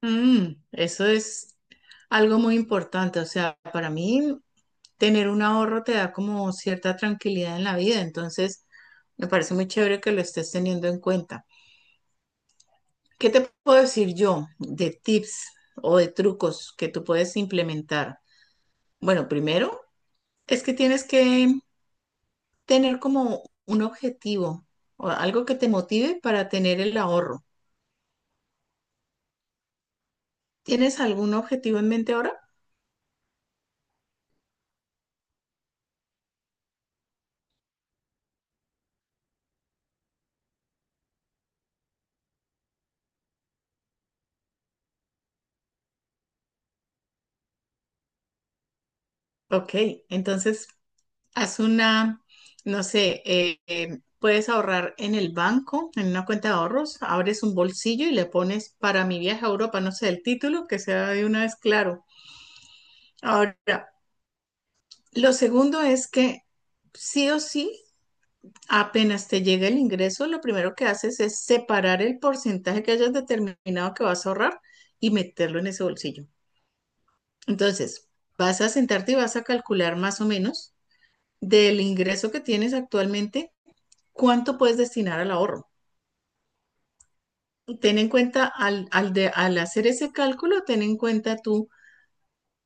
Eso es algo muy importante. O sea, para mí tener un ahorro te da como cierta tranquilidad en la vida. Entonces, me parece muy chévere que lo estés teniendo en cuenta. ¿Qué te puedo decir yo de tips o de trucos que tú puedes implementar? Bueno, primero es que tienes que tener como un objetivo o algo que te motive para tener el ahorro. ¿Tienes algún objetivo en mente ahora? Ok, entonces haz una, no sé, puedes ahorrar en el banco, en una cuenta de ahorros, abres un bolsillo y le pones para mi viaje a Europa, no sé, el título, que sea de una vez claro. Ahora, lo segundo es que sí o sí, apenas te llega el ingreso, lo primero que haces es separar el porcentaje que hayas determinado que vas a ahorrar y meterlo en ese bolsillo. Entonces, vas a sentarte y vas a calcular más o menos del ingreso que tienes actualmente, ¿cuánto puedes destinar al ahorro? Ten en cuenta, al hacer ese cálculo, ten en cuenta tú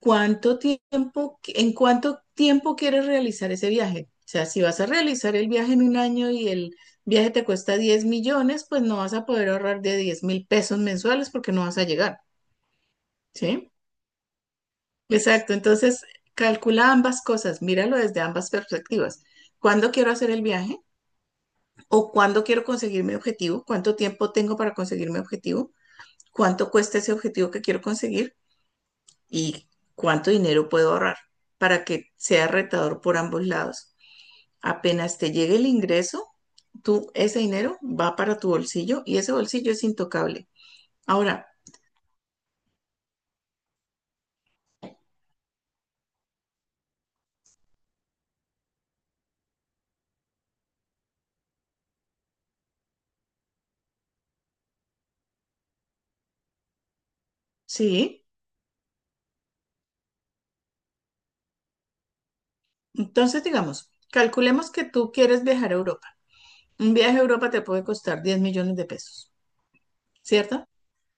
cuánto tiempo, en cuánto tiempo quieres realizar ese viaje. O sea, si vas a realizar el viaje en un año y el viaje te cuesta 10 millones, pues no vas a poder ahorrar de 10.000 pesos mensuales porque no vas a llegar, ¿sí? Exacto, entonces calcula ambas cosas, míralo desde ambas perspectivas. ¿Cuándo quiero hacer el viaje? ¿O cuándo quiero conseguir mi objetivo? ¿Cuánto tiempo tengo para conseguir mi objetivo? Cuánto cuesta ese objetivo que quiero conseguir y cuánto dinero puedo ahorrar para que sea retador por ambos lados. Apenas te llegue el ingreso, tú ese dinero va para tu bolsillo y ese bolsillo es intocable. Ahora, sí, entonces digamos, calculemos que tú quieres viajar a Europa. Un viaje a Europa te puede costar 10 millones de pesos, ¿cierto?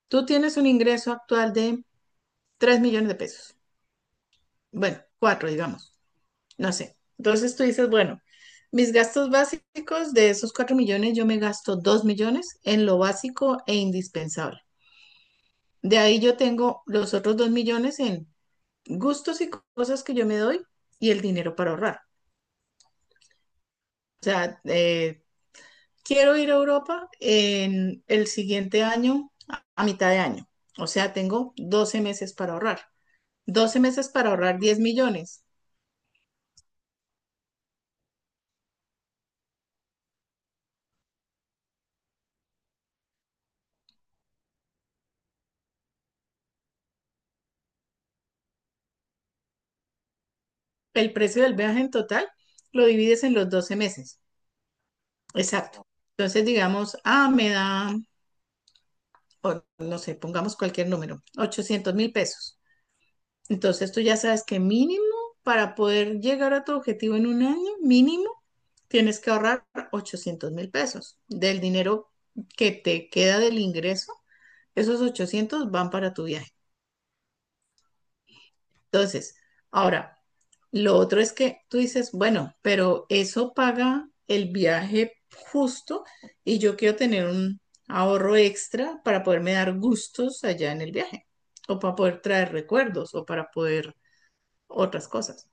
Tú tienes un ingreso actual de 3 millones de pesos. Bueno, 4, digamos. No sé. Entonces tú dices, bueno, mis gastos básicos de esos 4 millones, yo me gasto 2 millones en lo básico e indispensable. De ahí yo tengo los otros 2 millones en gustos y cosas que yo me doy y el dinero para ahorrar. O sea, quiero ir a Europa en el siguiente año, a mitad de año. O sea, tengo 12 meses para ahorrar. 12 meses para ahorrar 10 millones. El precio del viaje en total lo divides en los 12 meses. Exacto. Entonces, digamos, ah, me da, o no sé, pongamos cualquier número, 800.000 pesos. Entonces, tú ya sabes que mínimo para poder llegar a tu objetivo en un año, mínimo, tienes que ahorrar 800.000 pesos. Del dinero que te queda del ingreso, esos 800 van para tu viaje. Entonces, ahora, lo otro es que tú dices, bueno, pero eso paga el viaje justo y yo quiero tener un ahorro extra para poderme dar gustos allá en el viaje o para poder traer recuerdos o para poder otras cosas.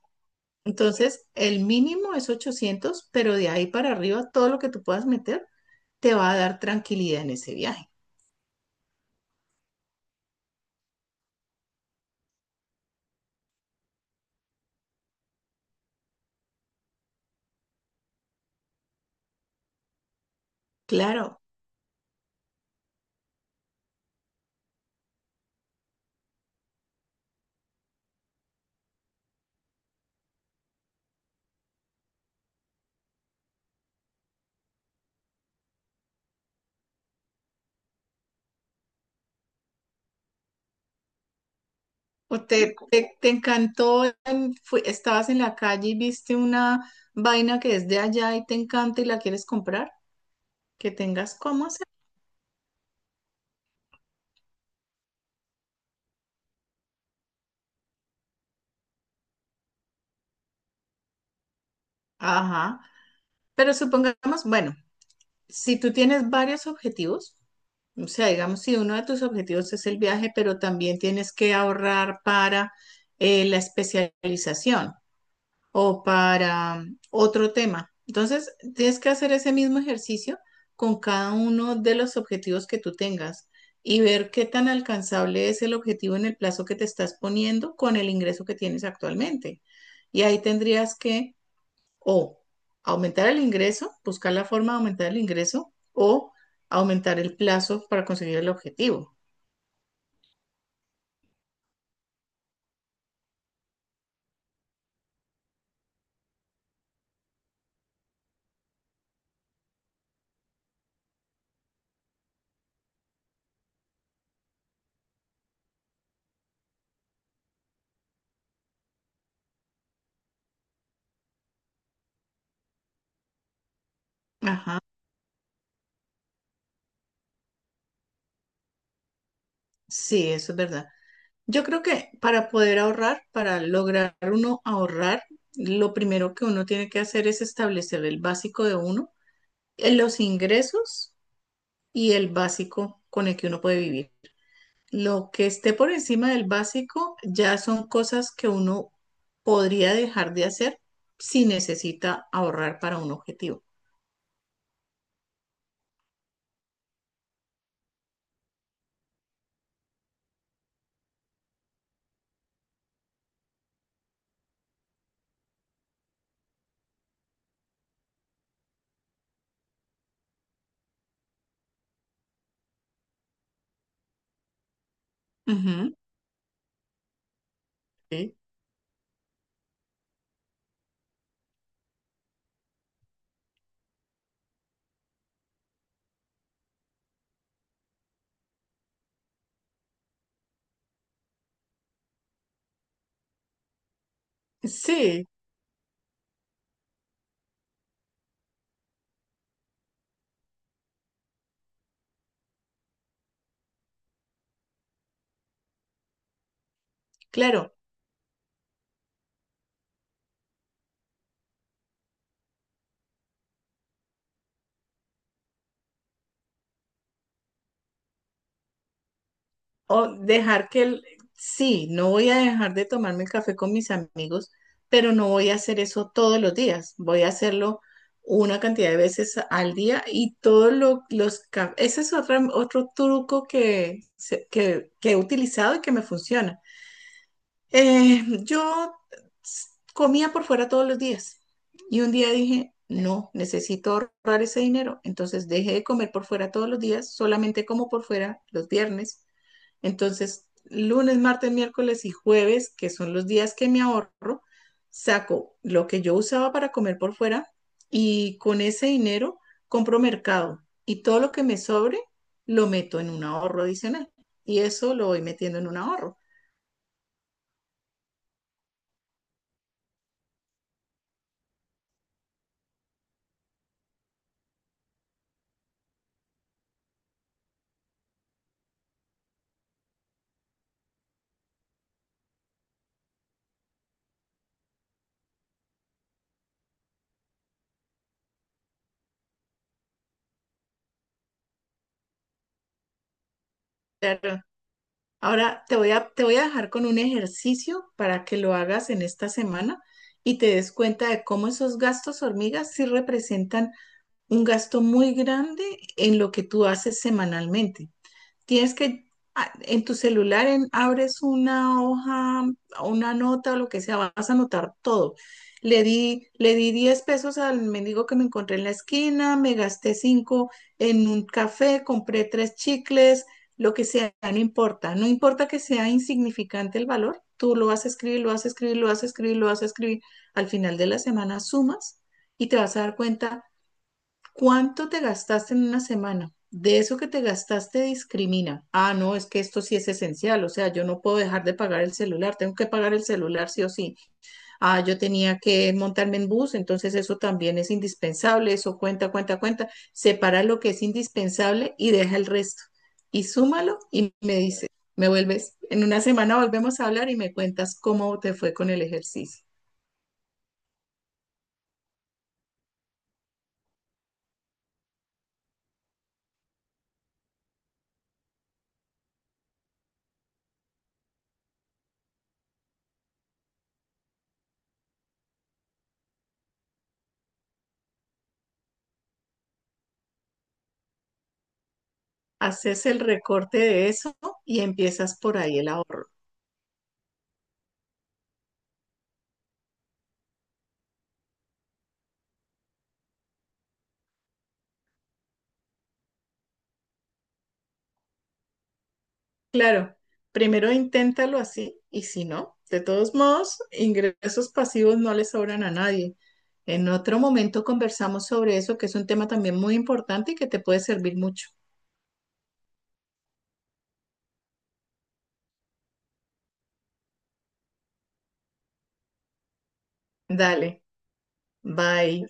Entonces, el mínimo es 800, pero de ahí para arriba todo lo que tú puedas meter te va a dar tranquilidad en ese viaje. Claro, ¿o te encantó, estabas en la calle y viste una vaina que es de allá y te encanta y la quieres comprar? Que tengas cómo hacer. Ajá. Pero supongamos, bueno, si tú tienes varios objetivos, o sea, digamos, si uno de tus objetivos es el viaje, pero también tienes que ahorrar para la especialización, o para otro tema. Entonces, tienes que hacer ese mismo ejercicio con cada uno de los objetivos que tú tengas y ver qué tan alcanzable es el objetivo en el plazo que te estás poniendo con el ingreso que tienes actualmente. Y ahí tendrías que o aumentar el ingreso, buscar la forma de aumentar el ingreso o aumentar el plazo para conseguir el objetivo. Ajá, sí, eso es verdad. Yo creo que para poder ahorrar, para lograr uno ahorrar, lo primero que uno tiene que hacer es establecer el básico de uno, los ingresos y el básico con el que uno puede vivir. Lo que esté por encima del básico ya son cosas que uno podría dejar de hacer si necesita ahorrar para un objetivo. Ujú. Sí, sí, claro. O dejar que el, sí, no voy a dejar de tomarme el café con mis amigos, pero no voy a hacer eso todos los días. Voy a hacerlo una cantidad de veces al día y todos los... ese es otro truco que he utilizado y que me funciona. Yo s- comía por fuera todos los días y un día dije, no, necesito ahorrar ese dinero. Entonces dejé de comer por fuera todos los días, solamente como por fuera los viernes. Entonces, lunes, martes, miércoles y jueves, que son los días que me ahorro, saco lo que yo usaba para comer por fuera y con ese dinero compro mercado y todo lo que me sobre lo meto en un ahorro adicional y eso lo voy metiendo en un ahorro. Pero ahora te voy a dejar con un ejercicio para que lo hagas en esta semana y te des cuenta de cómo esos gastos hormigas sí representan un gasto muy grande en lo que tú haces semanalmente. Tienes que, en tu celular, abres una hoja, una nota o lo que sea, vas a anotar todo. Le di 10 pesos al mendigo que me encontré en la esquina, me gasté 5 en un café, compré tres chicles, lo que sea, no importa. No importa que sea insignificante el valor, tú lo vas a escribir, lo vas a escribir, lo vas a escribir, lo vas a escribir. Al final de la semana sumas y te vas a dar cuenta. ¿Cuánto te gastaste en una semana? De eso que te gastaste discrimina. Ah, no, es que esto sí es esencial, o sea, yo no puedo dejar de pagar el celular, tengo que pagar el celular sí o sí. Ah, yo tenía que montarme en bus, entonces eso también es indispensable, eso cuenta, cuenta, cuenta. Separa lo que es indispensable y deja el resto. Y súmalo y me dice, me vuelves, en una semana volvemos a hablar y me cuentas cómo te fue con el ejercicio. Haces el recorte de eso y empiezas por ahí el ahorro. Claro, primero inténtalo así y si no, de todos modos, ingresos pasivos no le sobran a nadie. En otro momento conversamos sobre eso, que es un tema también muy importante y que te puede servir mucho. Dale, bye.